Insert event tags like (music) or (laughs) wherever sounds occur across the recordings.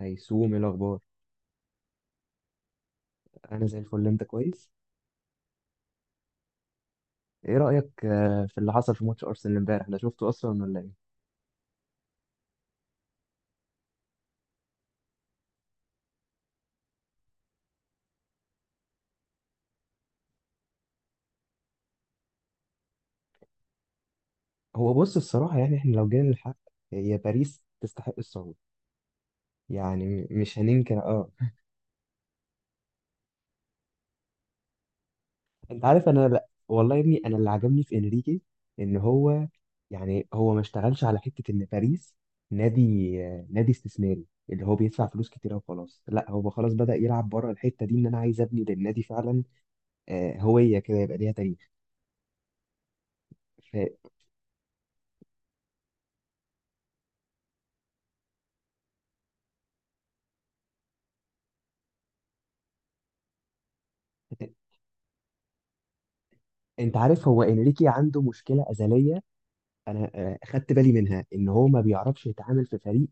هيسوم، ايه الاخبار؟ انا زي الفل، انت كويس؟ ايه رايك في اللي حصل في ماتش ارسنال امبارح ده؟ شفته اصلا ولا ايه؟ هو بص، الصراحه يعني احنا لو جينا للحق، هي باريس تستحق الصعود. يعني مش هننكر، اه. انت عارف انا، لا والله يا ابني، انا اللي عجبني في انريكي ان هو يعني هو ما اشتغلش على حته ان باريس نادي، نادي استثماري اللي هو بيدفع فلوس كتيره وخلاص. لا، هو خلاص بدأ يلعب بره الحته دي، ان انا عايز ابني للنادي فعلا. هويه كده يبقى ليها تاريخ. انت عارف هو انريكي عنده مشكله ازليه، انا خدت بالي منها ان هو ما بيعرفش يتعامل في فريق،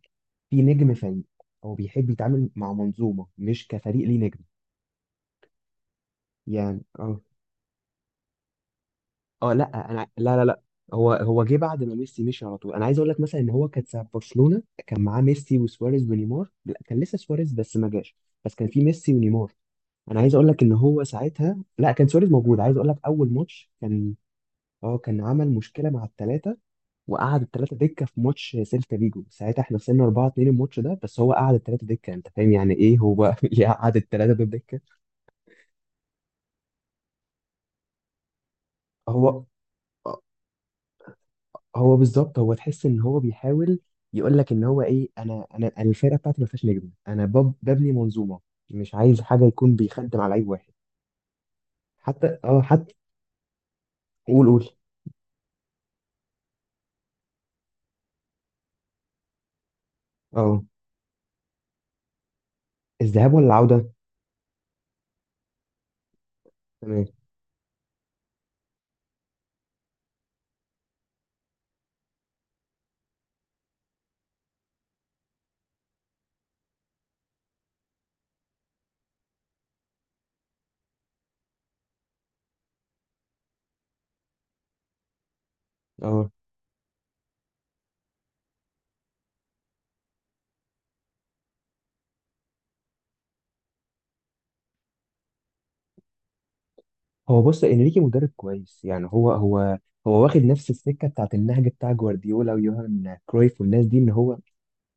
في نجم فريق. هو بيحب يتعامل مع منظومه مش كفريق ليه نجم. يعني اه. اه لا، انا لا. هو، جه بعد ما ميسي مشي على طول. انا عايز اقول لك، مثلا ان هو كان ساعه برشلونه كان معاه ميسي وسواريز ونيمار. لا كان لسه سواريز بس ما جاش، بس كان في ميسي ونيمار. انا عايز اقول لك ان هو ساعتها لا، كان سواريز موجود. عايز اقول لك اول ماتش كان، اه كان عمل مشكله مع الثلاثه وقعد الثلاثه دكه في ماتش سيلتا فيجو. ساعتها احنا خسرنا 4 2 الماتش ده، بس هو قعد الثلاثه دكه. انت فاهم يعني ايه هو (laughs) يقعد الثلاثه دول دكه؟ هو هو بالظبط، هو تحس ان هو بيحاول يقول لك ان هو ايه، انا الفرقه بتاعتي ما فيهاش نجم، انا ببني منظومه. مش عايز حاجه يكون بيخدم على لعيب واحد. حتى اه، حتى قول، قول. اه، الذهاب ولا العوده؟ تمام. اه هو بص، انريكي مدرب كويس يعني، هو هو واخد نفس السكه بتاعت النهج بتاع جوارديولا ويوهان كرويف والناس دي. ان هو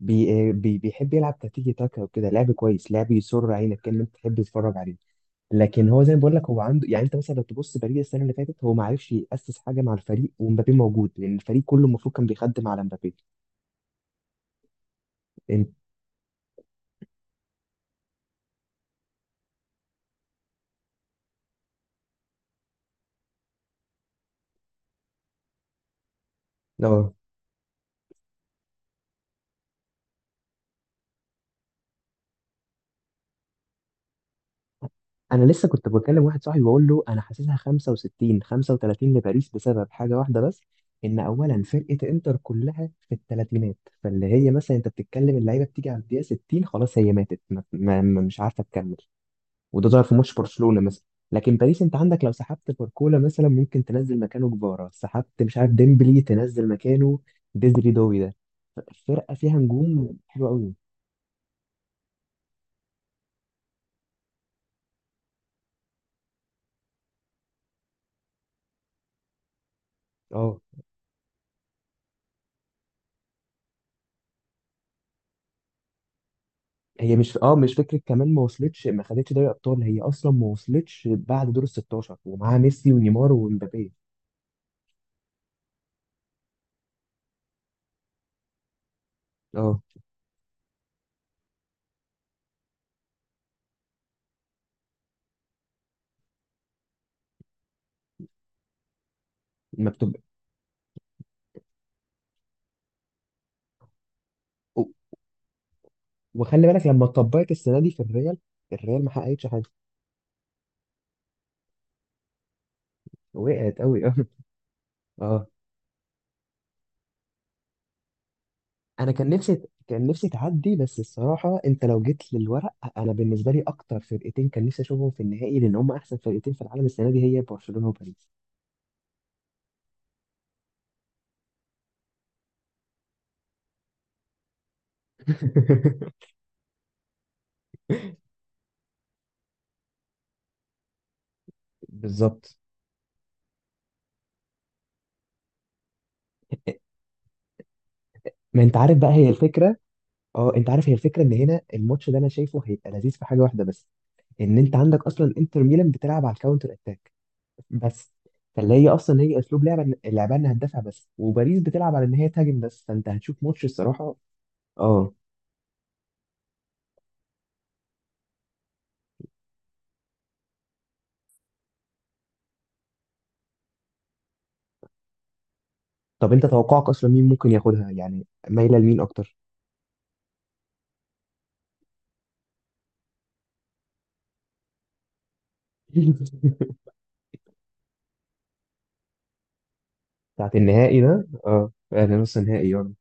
بي بي بيحب يلعب تكتيكي تاكا وكده. لعب كويس، لعب يسر عينك، كان انت تحب تتفرج عليه. لكن هو زي ما بقول لك، هو عنده يعني، انت مثلا لو تبص باريس السنه اللي فاتت، هو ما عرفش ياسس حاجه مع الفريق ومبابي موجود، لان الفريق كله المفروض كان بيخدم على مبابي. انت اه، انا لسه كنت بكلم واحد صاحبي بقول له انا حاسسها 65 35 لباريس بسبب حاجه واحده بس، ان اولا فرقه انتر كلها في الثلاثينات. فاللي هي مثلا انت بتتكلم، اللعيبه بتيجي على الدقيقه 60 خلاص هي ماتت، مش عارفه تكمل. وده ظهر في ماتش برشلونه مثلا. لكن باريس انت عندك، لو سحبت باركولا مثلا ممكن تنزل مكانه كفارا، سحبت مش عارف ديمبلي تنزل مكانه ديزري دوي ده. فرقه فيها نجوم حلوه قوي. اه هي مش، اه مش فكره كمان ما وصلتش، ما خدتش دوري ابطال. هي اصلا ما وصلتش بعد دور ال 16 ومعاها ميسي ونيمار ومبابي. اه ما بتبقى، و- وخلي بالك لما اتطبقت السنه دي في الريال، الريال ما حققتش حاجه. وقعت قوي (laughs) اه. اه انا كان نفسي، كان نفسي تعدي. بس الصراحه انت لو جيت للورق، انا بالنسبه لي اكتر فرقتين كان نفسي اشوفهم في النهائي، لان هم احسن فرقتين في العالم السنه دي، هي برشلونه وباريس. (laughs) بالظبط. ما انت عارف بقى، هي الفكره. اه انت عارف، هي الفكره ان هنا الماتش ده انا شايفه هيبقى لذيذ في حاجه واحده بس، ان انت عندك اصلا انتر ميلان بتلعب على الكاونتر اتاك بس. فاللي هي اصلا هي اسلوب لعبه اللعبه انها تدافع بس، وباريس بتلعب على ان هي تهاجم بس، فانت هتشوف ماتش الصراحه. اه. طب انت توقعك اصلا مين ممكن ياخدها يعني؟ مايله لمين اكتر؟ (laughs) بتاعت النهائي ده، اه يعني نص نهائي يعني.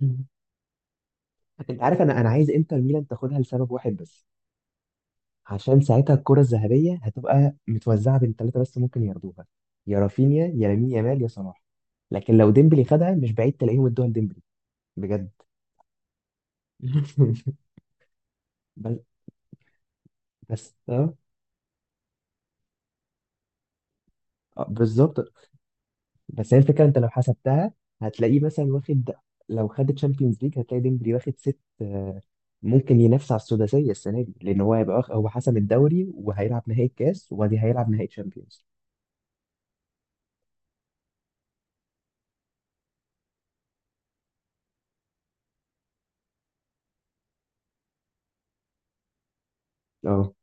(laughs) انت عارف انا، عايز انتر ميلان تاخدها لسبب واحد بس، عشان ساعتها الكرة الذهبية هتبقى متوزعة بين ثلاثة بس ممكن ياخدوها، يا رافينيا يا لامين يامال يا صلاح. لكن لو ديمبلي خدها، مش بعيد تلاقيهم ادوها لديمبلي. بجد (laughs) بس، بس اه. بالظبط. بس هي الفكرة، انت لو حسبتها هتلاقيه مثلا واخد، لو خد تشامبيونز ليج هتلاقي ديمبلي واخد ست، ممكن ينافس على السداسية السنة دي، لأن هو هيبقى هو حسم الدوري وهيلعب نهائي الكاس وبعدين هيلعب نهائي تشامبيونز. اه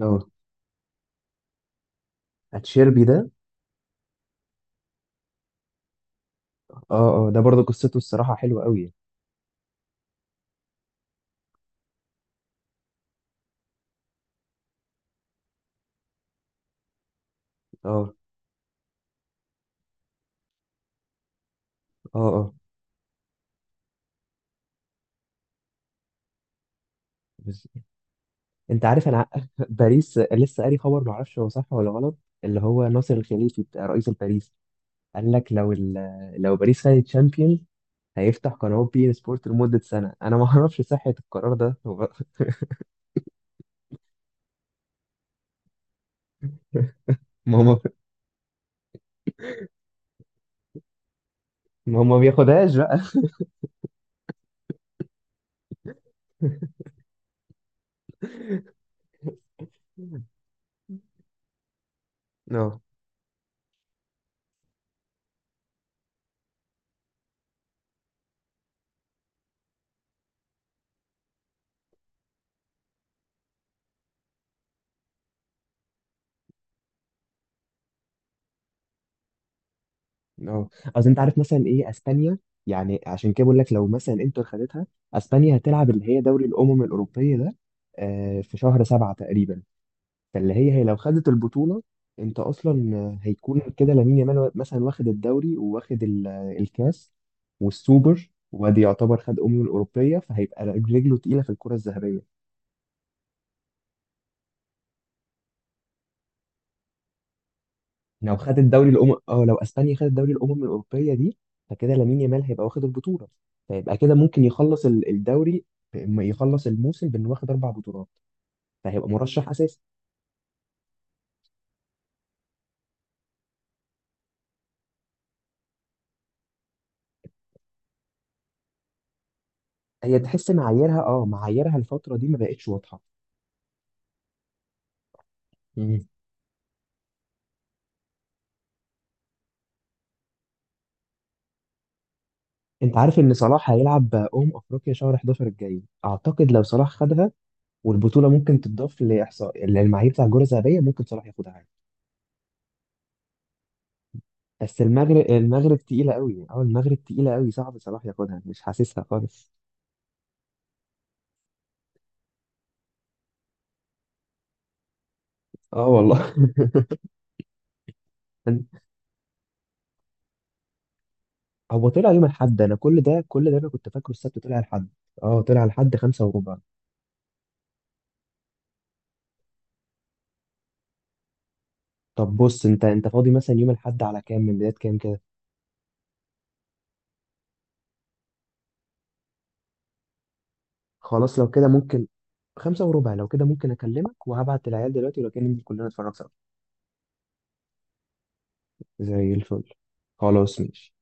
اه، اتشيربي ده. اه اه، ده برضه قصته الصراحة حلوة قوي. اه اه اه. بس انت عارف انا (laughs) باريس لسه قاري خبر، ما اعرفش هو صح ولا غلط، اللي هو ناصر الخليفي بتاع رئيس الباريس قال لك لو لو باريس خدت تشامبيونز، هيفتح قناه بي ان سبورت لمده سنه. انا ما اعرفش صحه القرار ده هو. (laughs) ما هو، ما هو ما بياخدهاش بقى. اه اه. اصل انت عارف مثلا ايه اسبانيا، يعني عشان كده بقول لك، لو مثلا انتر خدتها، اسبانيا هتلعب اللي هي دوري الامم الاوروبيه ده في شهر سبعة تقريبا. فاللي هي، هي لو خدت البطولة، انت اصلا هيكون كده لامين يامال مثلا واخد الدوري وواخد الكاس والسوبر، وادي يعتبر خد الاوروبيه، فهيبقى رجله تقيله في الكره الذهبيه. لو خد الدوري الامم، اه لو اسبانيا خدت دوري الامم الاوروبيه دي، فكده لامين يامال هيبقى واخد البطوله، فيبقى كده ممكن يخلص الدوري، بإما يخلص الموسم بانه واخد اربع بطولات، فهيبقى مرشح اساسي. هي تحس معاييرها، اه معاييرها الفتره دي ما بقتش واضحه. انت عارف ان صلاح هيلعب افريقيا شهر 11 الجاي اعتقد، لو صلاح خدها والبطوله ممكن تضاف لاحصاء للمعايير بتاع الجوله الذهبيه، ممكن صلاح ياخدها عادي. بس المغرب، المغرب تقيله قوي. اه المغرب تقيله قوي، صعب صلاح ياخدها، مش حاسسها خالص. اه والله. (laughs) هو طلع يوم الاحد. انا كل ده، كل ده انا كنت فاكره السبت، طلع الاحد. اه طلع الاحد خمسة وربع. طب بص، انت انت فاضي مثلا يوم الاحد على كام؟ من بدايه كام كده؟ خلاص لو كده ممكن، خمسة وربع لو كده ممكن اكلمك وهبعت العيال دلوقتي، ولو كان ننزل كلنا نتفرج. زي الفل. خلاص ماشي.